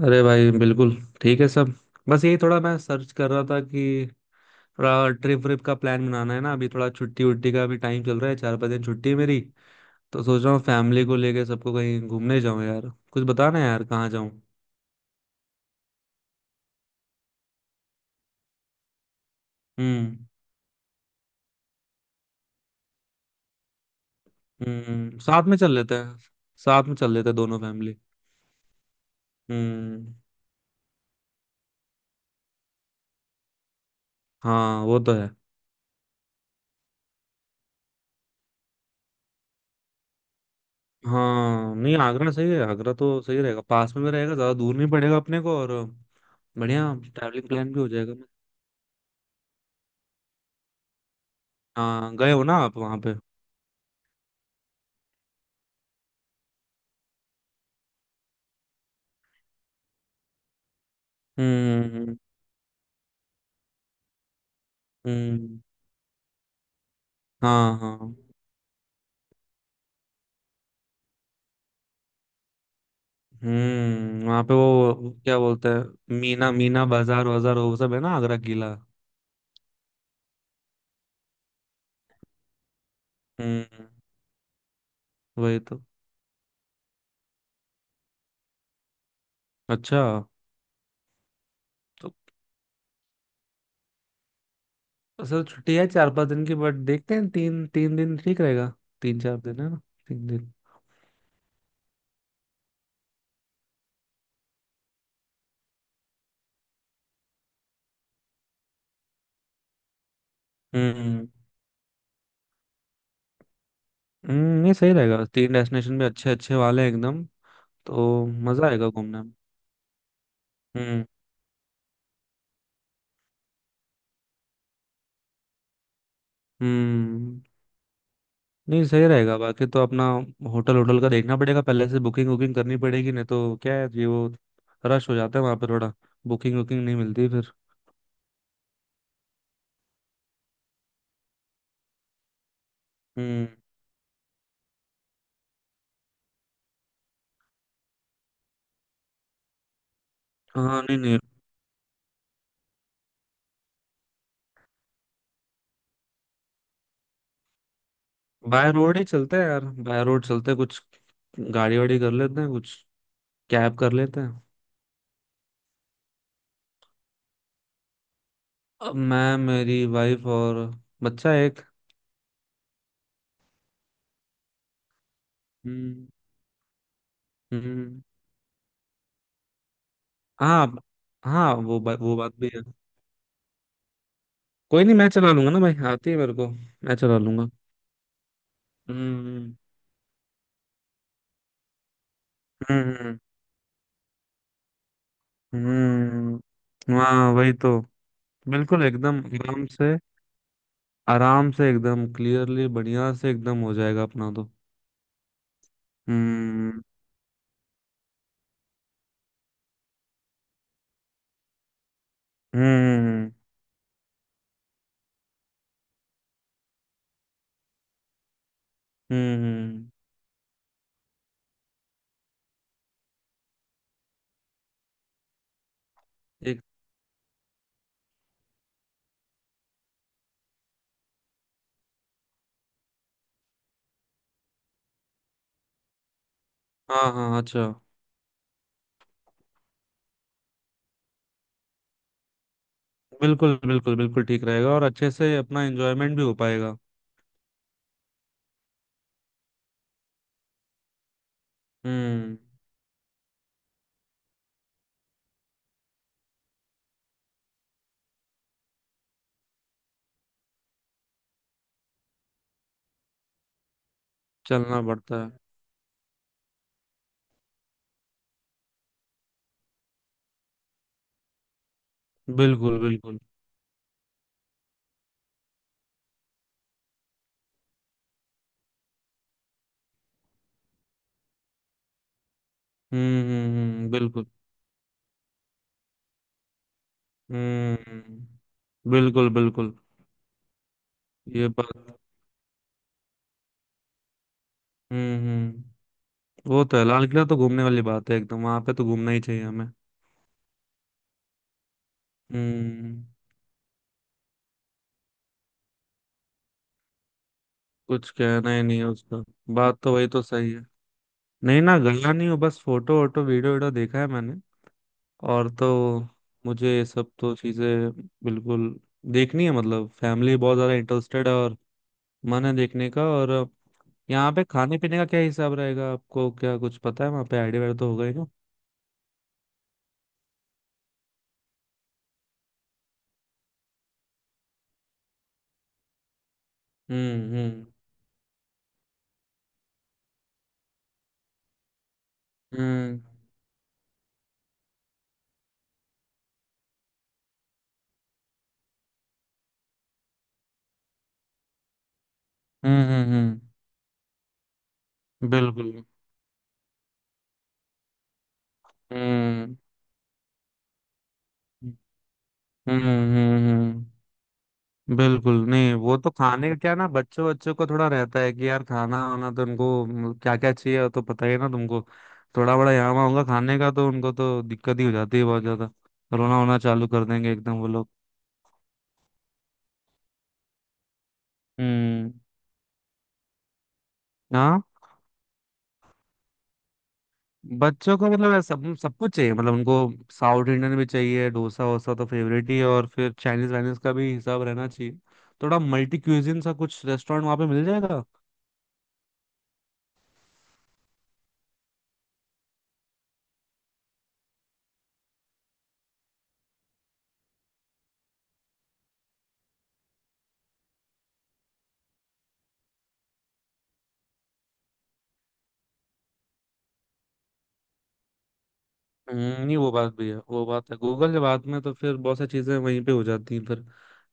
अरे भाई, बिल्कुल ठीक है सब। बस यही थोड़ा मैं सर्च कर रहा था कि थोड़ा ट्रिप व्रिप का प्लान बनाना है ना, अभी थोड़ा छुट्टी उट्टी का भी टाइम चल रहा है। 4-5 दिन छुट्टी है मेरी, तो सोच रहा हूँ फैमिली को लेके सबको कहीं घूमने जाऊँ। यार कुछ बताना यार, कहाँ जाऊँ? हम्म। हम्म, साथ में चल लेते हैं। साथ में चल लेते हैं दोनों फैमिली। हम्म। हाँ, वो तो है। हाँ, नहीं, आगरा सही है। आगरा तो सही रहेगा, पास में भी रहेगा, ज़्यादा दूर नहीं पड़ेगा अपने को। और बढ़िया, ट्रैवलिंग प्लान भी हो जाएगा। हाँ, गए हो ना आप वहाँ पे? हम्म। हम्म। हाँ हाँ। हम्म, वहाँ पे वो क्या बोलते हैं, मीना मीना बाजार वाजार वो सब है ना, आगरा किला। हम्म, वही तो। अच्छा। तो असल छुट्टी है 4-5 दिन की, बट देखते हैं, तीन तीन दिन ठीक रहेगा। 3-4 दिन है ना, 3 दिन। हम्म। हम्म, नहीं सही रहेगा, तीन डेस्टिनेशन भी अच्छे अच्छे वाले हैं एकदम। तो मजा आएगा घूमने में। हम्म। हम्म, नहीं सही रहेगा। बाकी तो अपना होटल होटल का देखना पड़ेगा, पहले से बुकिंग वुकिंग करनी पड़ेगी, नहीं तो क्या है, ये वो रश हो जाता है वहां पर थोड़ा, बुकिंग वुकिंग नहीं मिलती फिर। हम्म। हाँ, नहीं नहीं, बाय रोड ही चलते हैं यार, बाय रोड चलते हैं, कुछ गाड़ी वाड़ी कर लेते हैं, कुछ कैब कर लेते हैं। अब मैं, मेरी वाइफ और बच्चा, एक। हम्म। हम्म। हाँ हाँ। वो बात भी है। कोई नहीं, मैं चला लूंगा ना भाई, आती है मेरे को, मैं चला लूंगा। हम्म। हम्म। हम्म, हाँ वही तो। बिल्कुल, एकदम आराम से। आराम से एकदम क्लियरली बढ़िया से एकदम हो जाएगा अपना तो। हम्म। हम्म। हम्म। एक, हाँ हाँ, अच्छा। बिल्कुल बिल्कुल बिल्कुल ठीक रहेगा, और अच्छे से अपना एंजॉयमेंट भी हो पाएगा। हम्म, चलना पड़ता है। बिल्कुल बिल्कुल। बिल्कुल। हम्म, बिल्कुल बिल्कुल। ये बात। हम्म, वो तो है। लाल किला तो घूमने वाली बात है, एकदम वहां पे तो घूमना ही चाहिए हमें। हम्म, कुछ कहना ही नहीं है उसका। बात तो वही तो सही है। नहीं, ना गया नहीं हूँ, बस फोटो वोटो वीडियो वीडियो देखा है मैंने, और तो मुझे ये सब तो चीजें, बिल्कुल देखनी है। मतलब फैमिली बहुत ज्यादा इंटरेस्टेड है, और मन है देखने का। और यहाँ पे खाने पीने का क्या हिसाब रहेगा, आपको क्या कुछ पता है? वहाँ पे आइडिया वाइडिया तो होगा ही ना। हम्म। हम्म। हम्म हम्म हम्म हम्म, बिल्कुल। हम्म हम्म। हम्म, बिल्कुल। नहीं, वो तो खाने का क्या ना, बच्चों बच्चों को थोड़ा रहता है कि यार, खाना वाना तो उनको क्या क्या चाहिए, वो तो पता ही है ना तुमको। थोड़ा बड़ा यहाँ वहाँ होगा खाने का तो उनको तो दिक्कत ही हो जाती है बहुत ज्यादा, रोना वोना चालू कर देंगे एकदम वो लोग। हम्म। हाँ। बच्चों को मतलब ऐसा-, सब सब कुछ चाहिए, मतलब उनको साउथ इंडियन भी चाहिए, डोसा वोसा तो फेवरेट ही है, और फिर चाइनीज वाइनीज का भी हिसाब रहना चाहिए। थोड़ा मल्टी क्यूजिन सा कुछ रेस्टोरेंट वहाँ पे मिल जाएगा। नहीं वो बात भी है, वो बात है, गूगल के बाद में तो फिर बहुत सारी चीजें वहीं पे हो जाती हैं फिर।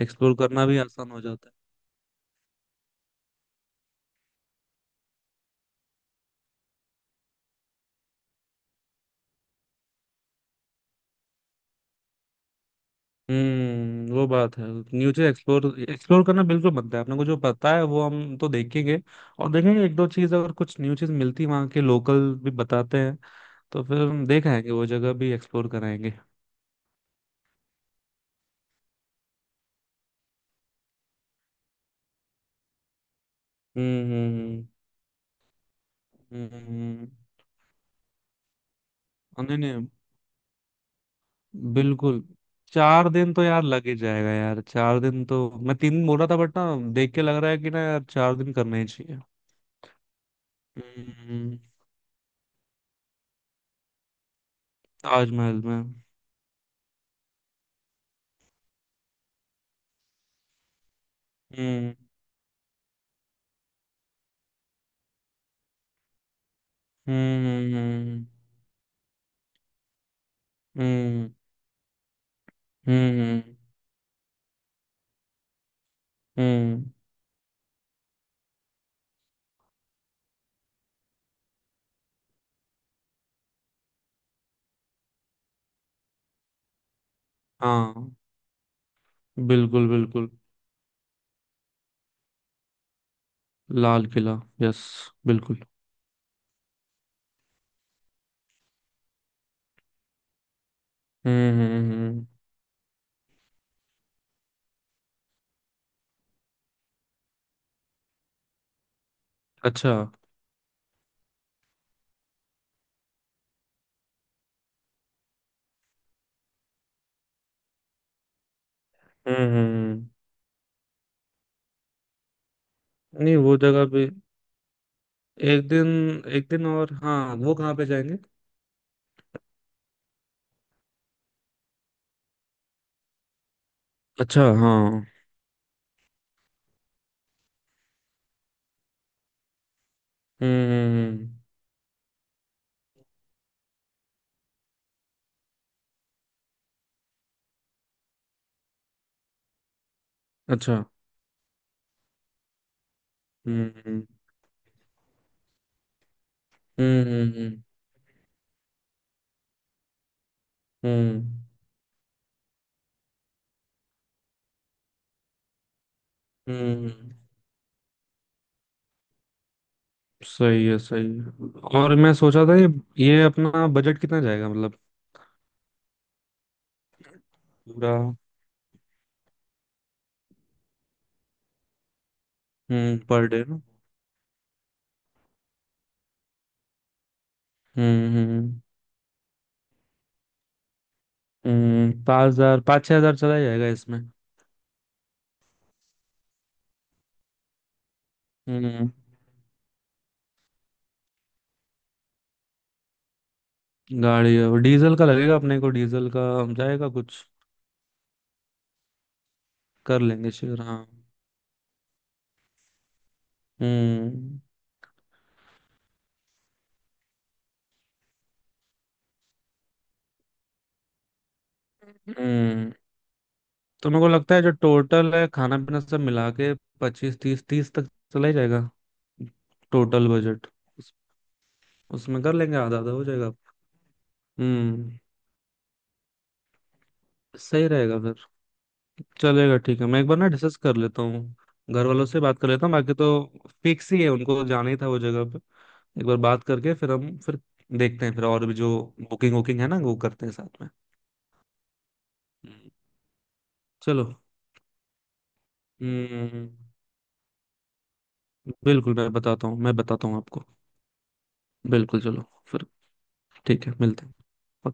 एक्सप्लोर करना भी आसान हो जाता है। हम्म, वो बात है। न्यू चीज एक्सप्लोर एक्सप्लोर करना बिल्कुल बनता है अपने को। जो पता है वो हम तो देखेंगे, और देखेंगे एक दो चीज, अगर कुछ न्यू चीज मिलती, वहाँ के लोकल भी बताते हैं, तो फिर हम देख आएंगे, वो जगह भी एक्सप्लोर कराएंगे। हम्म हम्म हम्म हम्म, हम्म। नहीं नहीं, बिल्कुल। 4 दिन तो यार लग ही जाएगा यार, 4 दिन तो मैं 3 दिन बोल रहा था, बट ना देख के लग रहा है कि ना यार, 4 दिन करने ही चाहिए। हम्म, ताजमहल में। हम्म हम्म। हम्म। हम्म हम्म, हाँ बिल्कुल बिल्कुल। लाल किला, यस। बिल्कुल। हम्म हम्म हम्म, अच्छा। हम्म। हम्म, हम्म। नहीं, वो जगह पे एक दिन, एक दिन और, हाँ वो कहाँ पे जाएंगे? अच्छा हाँ हम्म। हम्म, हम्म, अच्छा हम्म। हम्म हम्म हम्म, हम्म। सही है सही है, और मैं सोचा था ये अपना बजट कितना जाएगा, मतलब पूरा? हम्म, पर डे ना। हम्म हम्म 5,000 5-6 हज़ार चला जाएगा इसमें। हम्म, गाड़ी है, और डीजल का लगेगा अपने को, डीजल का हम जाएगा कुछ? कर लेंगे शेयर, हाँ। हम्म हम्म, तो मेरे को लगता है जो टोटल है, खाना पीना सब मिला के, 25-30 तीस तक चला ही जाएगा। टोटल बजट उसमें कर लेंगे, आधा आधा हो जाएगा। हम्म, सही रहेगा फिर। चलेगा, ठीक है, मैं एक बार ना डिस्कस कर लेता हूँ, घर वालों से बात कर लेता हूँ। बाकी तो फिक्स ही है, उनको जाना ही था वो जगह पे। एक बार बात करके फिर हम फिर देखते हैं, फिर और भी जो बुकिंग वुकिंग है ना वो करते हैं साथ में। हम्म, चलो। हम्म, बिल्कुल, मैं बताता हूँ आपको। बिल्कुल, चलो फिर। ठीक है, मिलते हैं।